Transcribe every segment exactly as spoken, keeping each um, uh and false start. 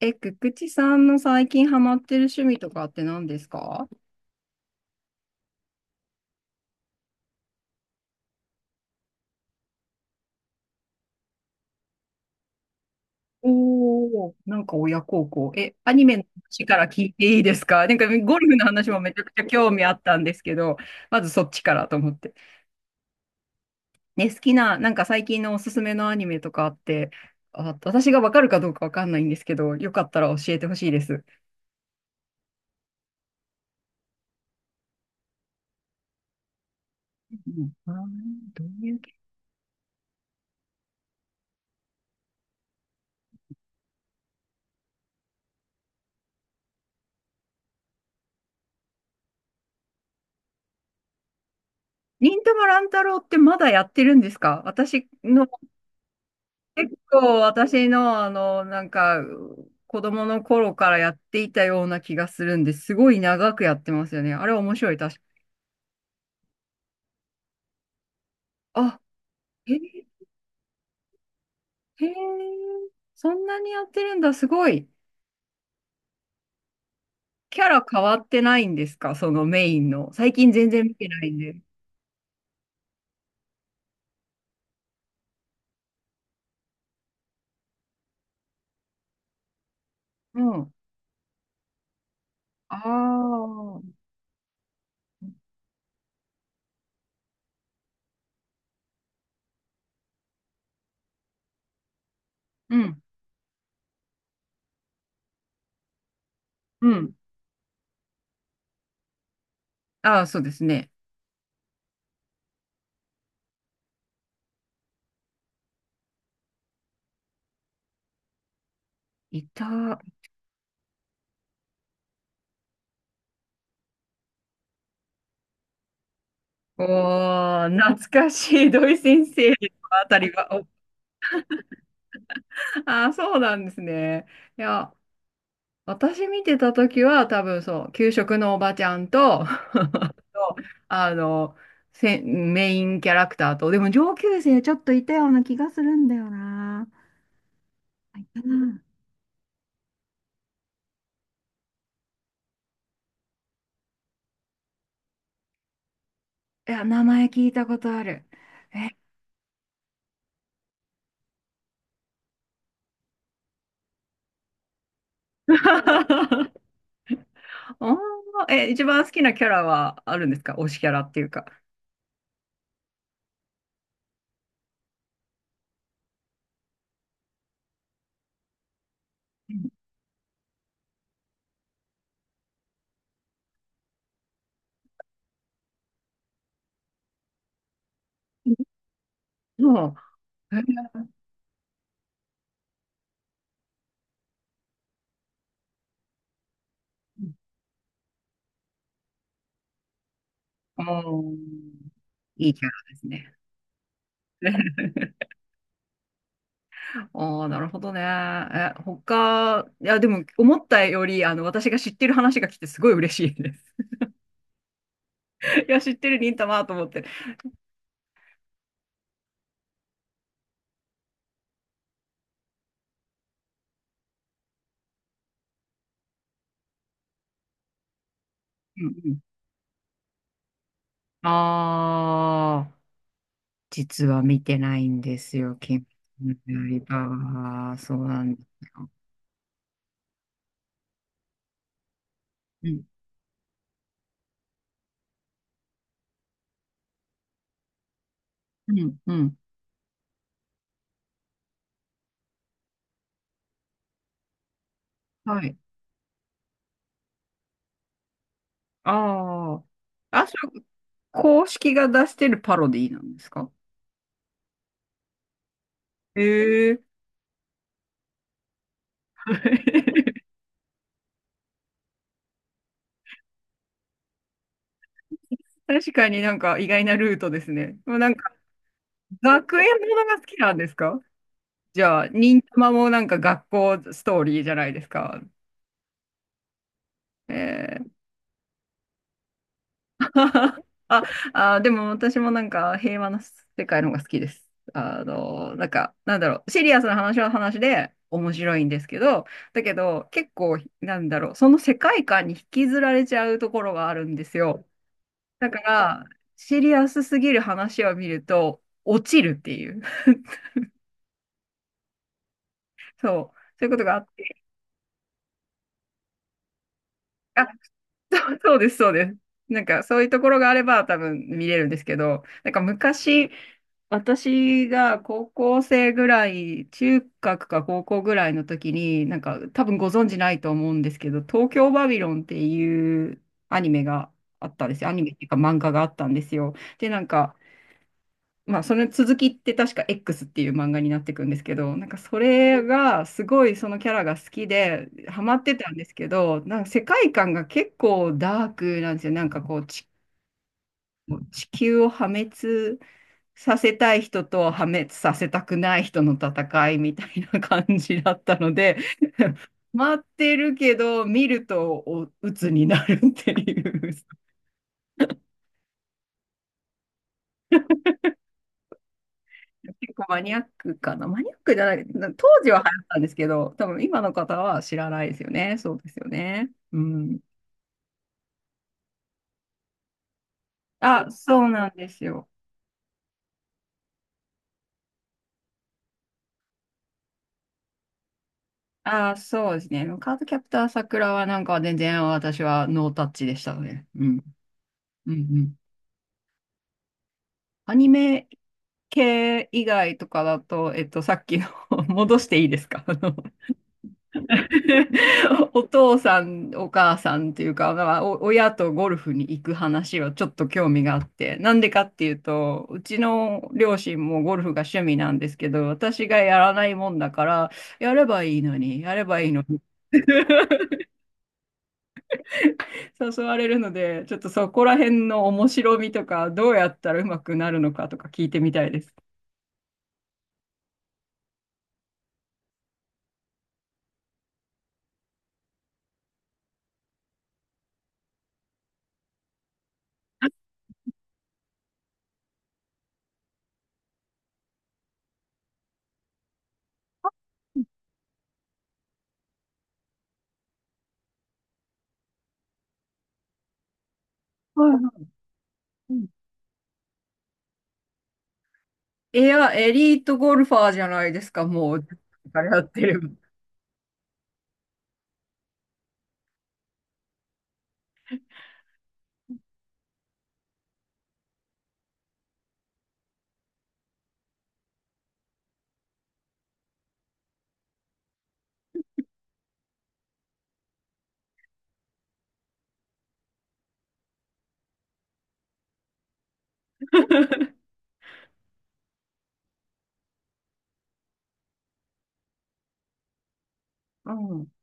え、くくちさんの最近ハマってる趣味とかって何ですか？おー、なんか親孝行。え、アニメの話から聞いていいですか？なんかゴルフの話もめちゃくちゃ興味あったんですけど、まずそっちからと思って。ね、好きな、なんか最近のおすすめのアニメとかあって、あ、私がわかるかどうかわかんないんですけど、よかったら教えてほしいです。うん、あー、どういう系？忍たま乱太郎ってまだやってるんですか？私の結構私のあの、なんか、子供の頃からやっていたような気がするんですごい長くやってますよね。あれ面白い、確か。あ、へえ。へえ、そんなにやってるんだ、すごい。キャラ変わってないんですか、そのメインの。最近全然見てないんで。うん。ああ。うん、うん。ああ、そうですね。いた。おー、懐かしい、土井先生のあたりは。ああ、そうなんですね。いや、私見てた時は多分そう、給食のおばちゃんと、あの、せメインキャラクターと、でも上級生ちょっといたような気がするんだよな。うん。いや、名前聞いたことある。おー、え、一番好きなキャラはあるんですか？推しキャラっていうか。うん、そう。えー、もうん、いいキャラですね。ああ、なるほどね。え、他、いや、でも、思ったより、あの、私が知ってる話が来て、すごい嬉しいです。いや、知ってる忍たまと思って。うんうん。ああ、実は見てないんですよ、金の刃は。そうなんですよ。うん、うん、うん。はい。ああ。あ、それ、公式が出してるパロディなんですか？ええー。 確かになんか意外なルートですね。もうなんか学園ものが好きなんですか？じゃあ、忍たまもなんか学校ストーリーじゃないですか。えー。 あ、あ、でも私もなんか平和な世界の方が好きです。あの、なんか、なんだろう、シリアスな話は話で面白いんですけど、だけど結構、なんだろう、その世界観に引きずられちゃうところがあるんですよ。だから、シリアスすぎる話を見ると、落ちるっていう。そう、そういうことがあって。そうそうです、そうです。なんかそういうところがあれば多分見れるんですけど、なんか昔、私が高校生ぐらい、中学か高校ぐらいの時に、なんか多分ご存知ないと思うんですけど、東京バビロンっていうアニメがあったんですよ。アニメっていうか漫画があったんですよ。で、なんか、まあ、その続きって確か エックス っていう漫画になっていくんですけど、なんかそれがすごいそのキャラが好きでハマってたんですけど、なんか世界観が結構ダークなんですよ。なんかこうち地球を破滅させたい人と破滅させたくない人の戦いみたいな感じだったので、待ってるけど見るとお鬱になるっていう。結構マニアックかな。マニアックじゃない、な当時は流行ったんですけど、多分今の方は知らないですよね。そうですよね。うん。あ、そうなんですよ。あ、そうですね。カードキャプター桜はなんか全然私はノータッチでしたね。うん。うんうん。アニメ系以外とかだと、えっと、さっきの 戻していいですか？あの お父さん、お母さんっていうか、まあ、お親とゴルフに行く話はちょっと興味があって、なんでかっていうと、うちの両親もゴルフが趣味なんですけど、私がやらないもんだから、やればいいのに、やればいいのに、誘われるので、ちょっとそこら辺の面白みとか、どうやったらうまくなるのかとか聞いてみたいです。はいはい。うん。いや、エリートゴルファーじゃないですか、もう、あれやってる。うん。うん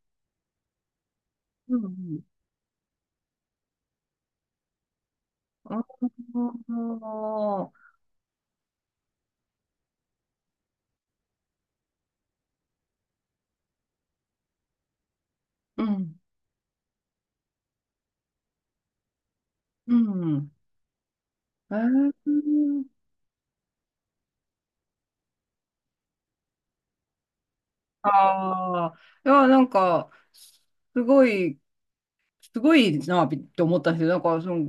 うん。おー。うん、うん。えー、ああ、いや、なんか、すごい、すごいなって思ったんですよ。なんか、その、う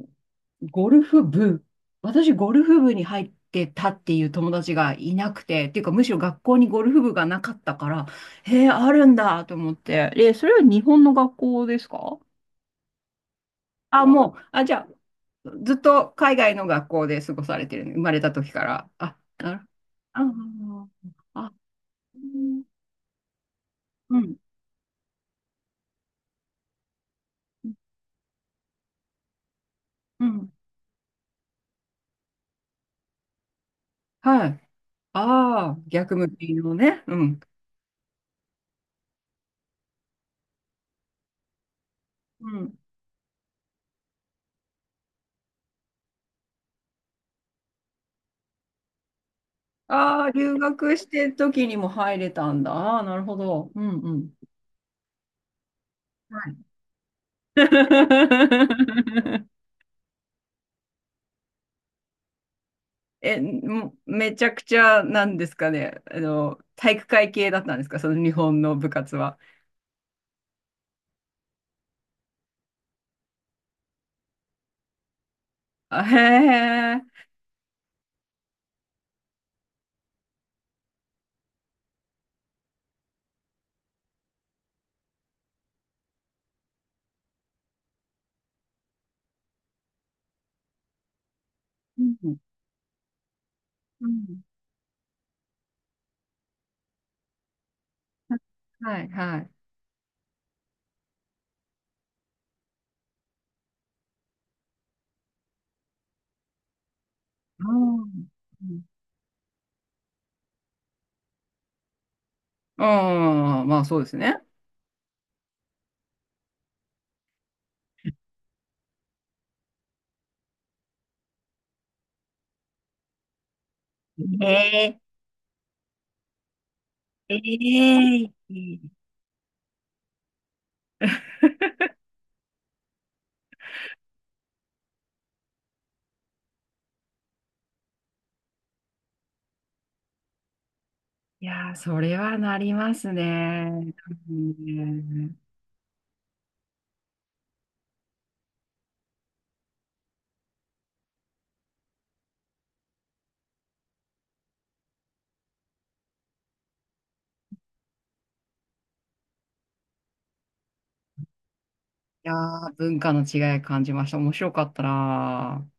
ん、ゴルフ部、私、ゴルフ部に入ってたっていう友達がいなくて、っていうか、むしろ学校にゴルフ部がなかったから、へえ、あるんだと思って。え、それは日本の学校ですか？あ、もう、あ、じゃあ、ずっと海外の学校で過ごされてる、生まれた時から。あ、なる。ああ、あ、うんうん、うん。はい。ああ、逆向きのね。うん。うん。ああ、留学してる時にも入れたんだ。ああ、なるほど。うんうん。はい。え、もうめちゃくちゃ、なんですかね。あの、体育会系だったんですか、その日本の部活は。あ、へえ。うんうん。はい、はい。うん。うん。まあ、そうですね。ええ、ええ。いやー、それはなりますね。うん。いやー、文化の違い感じました。面白かったなー。